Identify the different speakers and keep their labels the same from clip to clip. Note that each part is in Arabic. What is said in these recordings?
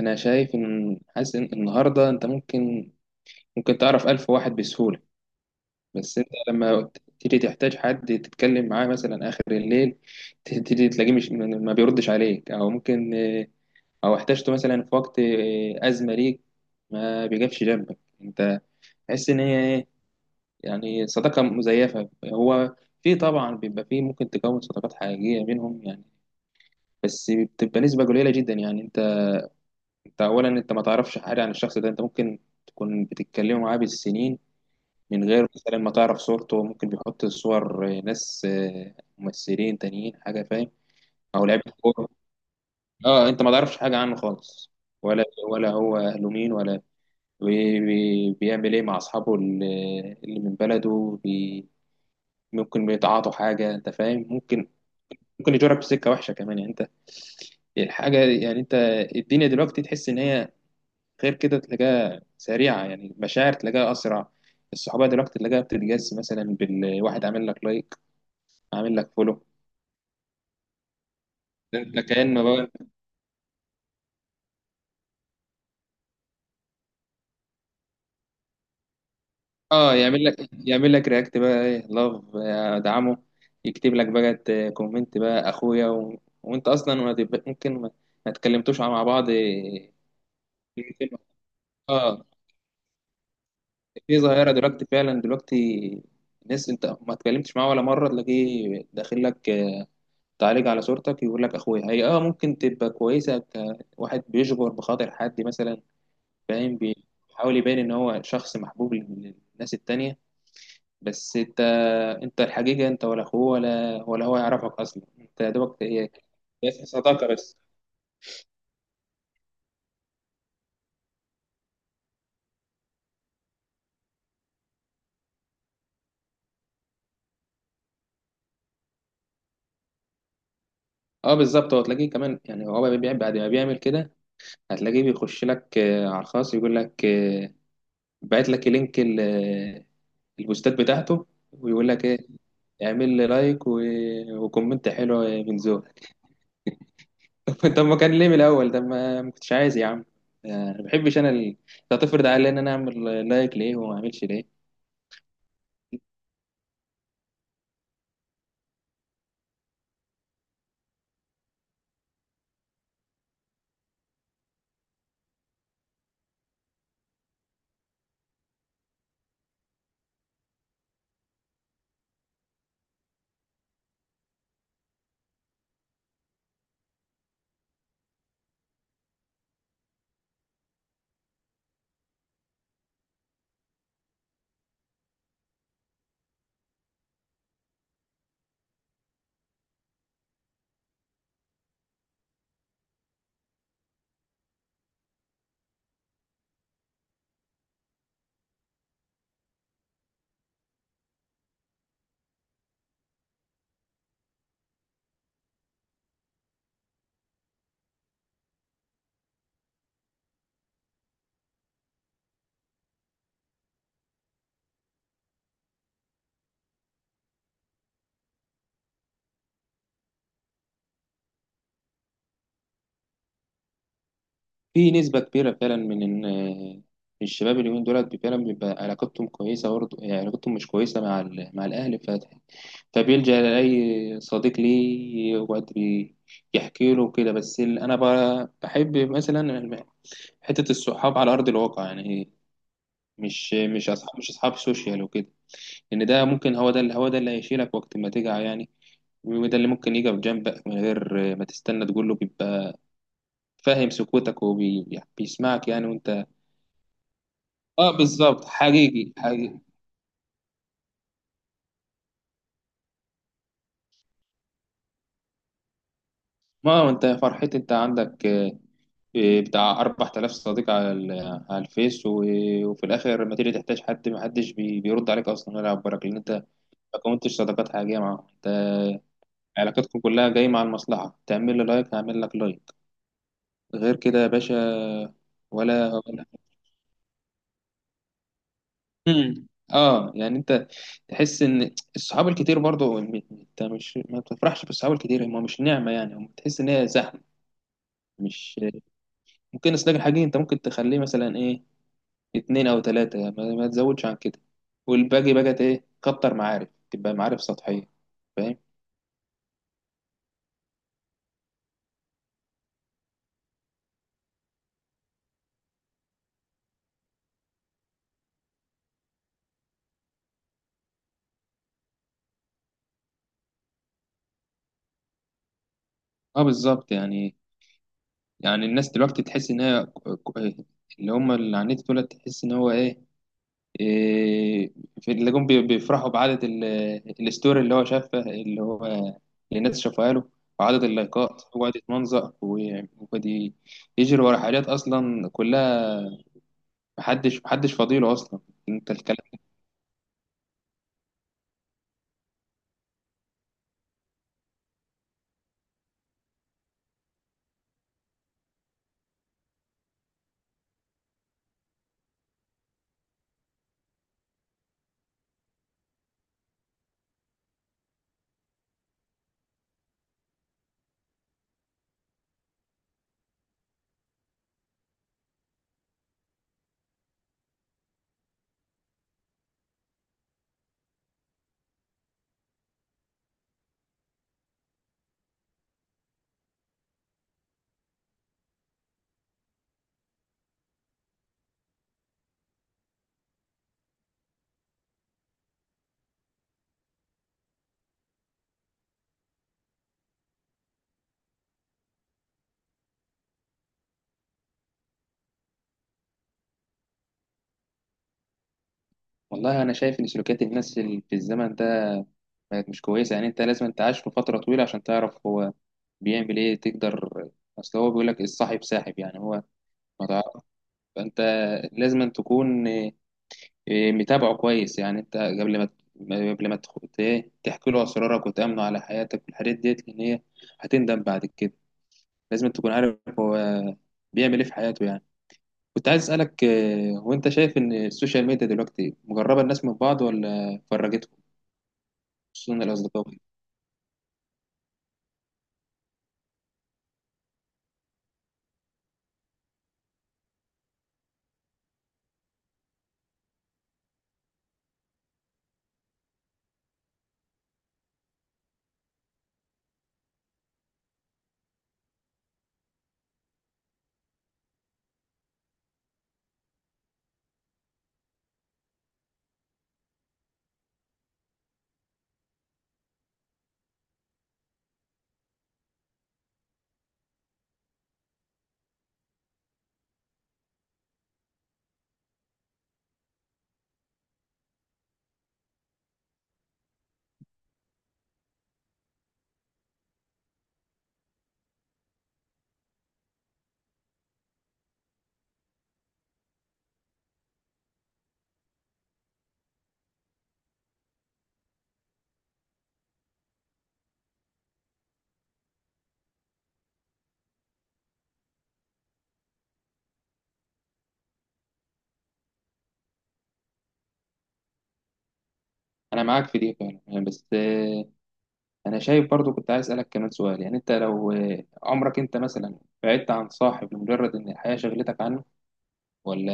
Speaker 1: انا شايف ان حاسس ان النهارده انت ممكن تعرف الف واحد بسهوله. بس انت لما تيجي تحتاج حد تتكلم معاه مثلا اخر الليل، تيجي تلاقيه مش ما بيردش عليك، او ممكن او احتاجته مثلا في وقت ازمه ليك ما بيجيبش جنبك. انت تحس ان هي ايه، يعني صداقه مزيفه هو. في طبعا بيبقى في ممكن تكون صداقات حقيقيه بينهم يعني، بس بتبقى نسبه قليله جدا يعني. انت اولا انت ما تعرفش حاجه عن الشخص ده، انت ممكن تكون بتتكلم معاه بالسنين، من غير مثلا ما تعرف صورته. ممكن بيحط صور ناس، ممثلين تانيين حاجه، فاهم؟ او لعيبه كوره. اه، انت ما تعرفش حاجه عنه خالص، ولا ولا هو اهله مين، ولا بيعمل ايه مع اصحابه اللي من بلده، بي ممكن بيتعاطوا حاجه، انت فاهم، ممكن ممكن يجرك في سكه وحشه كمان يعني. انت الحاجه يعني، انت الدنيا دلوقتي تحس ان هي غير كده، تلاقيها سريعة، يعني المشاعر تلاقيها أسرع. الصحوبية دلوقتي تلاقيها بتتجس، مثلا بالواحد عامل لك لايك، عامل لك فولو، ده انت كأنه بقى. اه، يعمل لك رياكت بقى، ايه، لاف، ادعمه. يكتب لك بقى كومنت بقى اخويا، وانت اصلا ما تب- ممكن ما تكلمتوش مع بعض كلمتين. اه، في ظاهرة دلوقتي فعلا دلوقتي، ناس انت ما اتكلمتش معاه ولا مرة تلاقيه داخل لك تعالج على صورتك، يقول لك اخويا هي اه ممكن تبقى كويسه، كواحد بيجبر بخاطر حد مثلا، فاهم، بيحاول يبين ان هو شخص محبوب للناس التانية. بس انت الحقيقه انت ولا اخوه، ولا هو يعرفك اصلا، انت يا دوبك هي بس صداقه بس. اه بالظبط، هو تلاقيه كمان يعني هو بيعمل، بعد ما بيعمل كده هتلاقيه بيخش لك على الخاص، يقول لك، باعت لك لينك البوستات بتاعته، ويقول لك ايه، اعمل لي لايك وكومنت حلو من زوج. طب ما كان ليه من الاول، ده ما كنتش عايز يا عم. ما بحبش انا لو تفرض عليا ان انا اعمل لايك ليه وما اعملش ليه. في نسبه كبيره فعلا من، من الشباب اليومين دولت فعلا بيبقى علاقتهم كويسه برضه، يعني علاقتهم مش كويسه مع مع الاهل، فبيلجأ لأي صديق ليه وقت يحكي له كده. بس، أنا بحب مثلا حتة الصحاب على أرض الواقع يعني، مش اصحاب، مش اصحاب سوشيال وكده. لان ده ممكن هو ده اللي هو ده اللي هيشيلك وقت ما تجع يعني، وده اللي ممكن يجي في جنبك من غير ما تستنى تقول له، بيبقى فاهم سكوتك وبيسمعك يعني، وانت. اه بالظبط، حقيقي حقيقي. ما هو انت يا فرحتي، انت عندك بتاع 4000 صديق على على الفيس، وفي الاخر لما تيجي تحتاج حد، ما حدش بيرد عليك اصلا ولا يعبرك، لان انت ما كونتش صداقات حقيقيه معاهم. انت علاقتكم كلها جايه مع المصلحه، تعمل لي لايك هعمل لك لايك، غير كده يا باشا. ولا، ولا. مم. اه، يعني انت تحس ان الصحاب الكتير برضو انت مش ما بتفرحش بالصحاب الكتير، هم مش نعمه يعني، هم تحس ان هي زحمه، مش ممكن اصدق الحقيقي. انت ممكن تخليه مثلا ايه، اتنين او تلاته، ما تزودش عن كده. والباقي بقى ايه، كتر معارف، تبقى معارف سطحيه. فاهم؟ اه بالظبط يعني، الناس دلوقتي تحس ان هي اللي هم اللي على النت دول، تحس ان هو ايه، إيه، في اللي جم بيفرحوا بعدد الستوري اللي هو شافها، اللي الناس شافها له، وعدد اللايكات، وقعد يتمنظر، وقعد يجري ورا حاجات اصلا كلها، محدش فاضيله اصلا. انت الكلام. والله انا شايف ان سلوكيات الناس في الزمن ده بقت مش كويسه يعني. انت لازم، انت عايش في فتره طويله عشان تعرف هو بيعمل ايه تقدر. اصل هو بيقول لك الصاحب ساحب، يعني هو ما تعرف. فانت لازم أن تكون، متابعه كويس يعني. انت قبل ما، قبل ما تخ- ت- إيه، تحكي له اسرارك وتامنه على حياتك والحاجات ديت، لان هي هتندم بعد كده. لازم تكون عارف هو بيعمل ايه في حياته يعني. كنت عايز اسالك، هو انت شايف ان السوشيال ميديا دلوقتي مقربه الناس من بعض ولا فرجتهم، خصوصا الاصدقاء وكده؟ انا معاك في دي فعلا يعني، بس، انا شايف برضو. كنت عايز اسالك كمان سؤال يعني، انت لو عمرك انت مثلا بعدت عن صاحب لمجرد ان الحياه شغلتك عنه ولا؟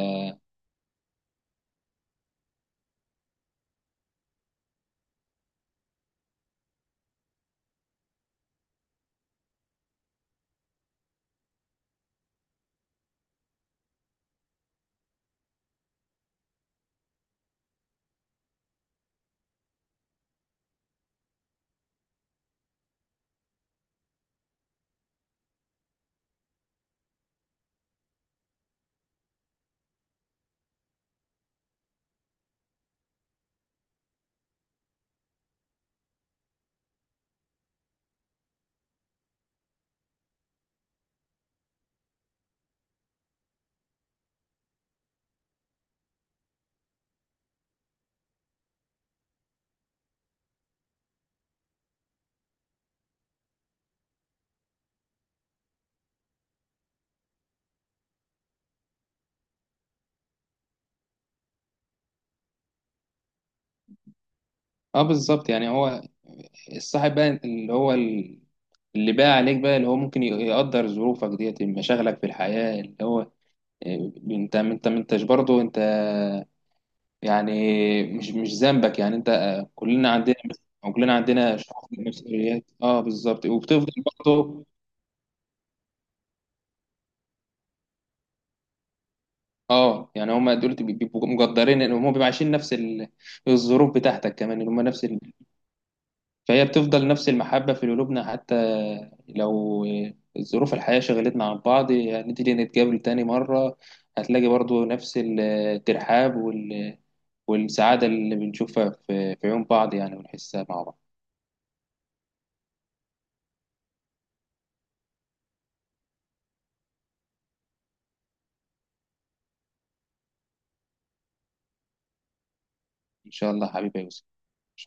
Speaker 1: اه بالظبط يعني، هو الصاحب بقى اللي بقى عليك بقى اللي هو ممكن يقدر ظروفك ديت مشاغلك في الحياة، اللي هو انت ما انتش برضه انت. يعني مش ذنبك يعني انت. كلنا عندنا، او كلنا عندنا شعور بالمسؤوليات. اه بالظبط، وبتفضل برضه. اه يعني، هم دول بيبقوا مقدرين ان هم بيبقوا عايشين نفس الظروف بتاعتك كمان، ان هم نفس. فهي بتفضل نفس المحبة في قلوبنا، حتى لو ظروف الحياة شغلتنا عن بعض، هنيجي نتقابل تاني مرة، هتلاقي برضو نفس الترحاب والسعادة اللي بنشوفها في عيون بعض يعني، ونحسها مع بعض. إن شاء الله حبيبي يا يوسف، إن شاء الله.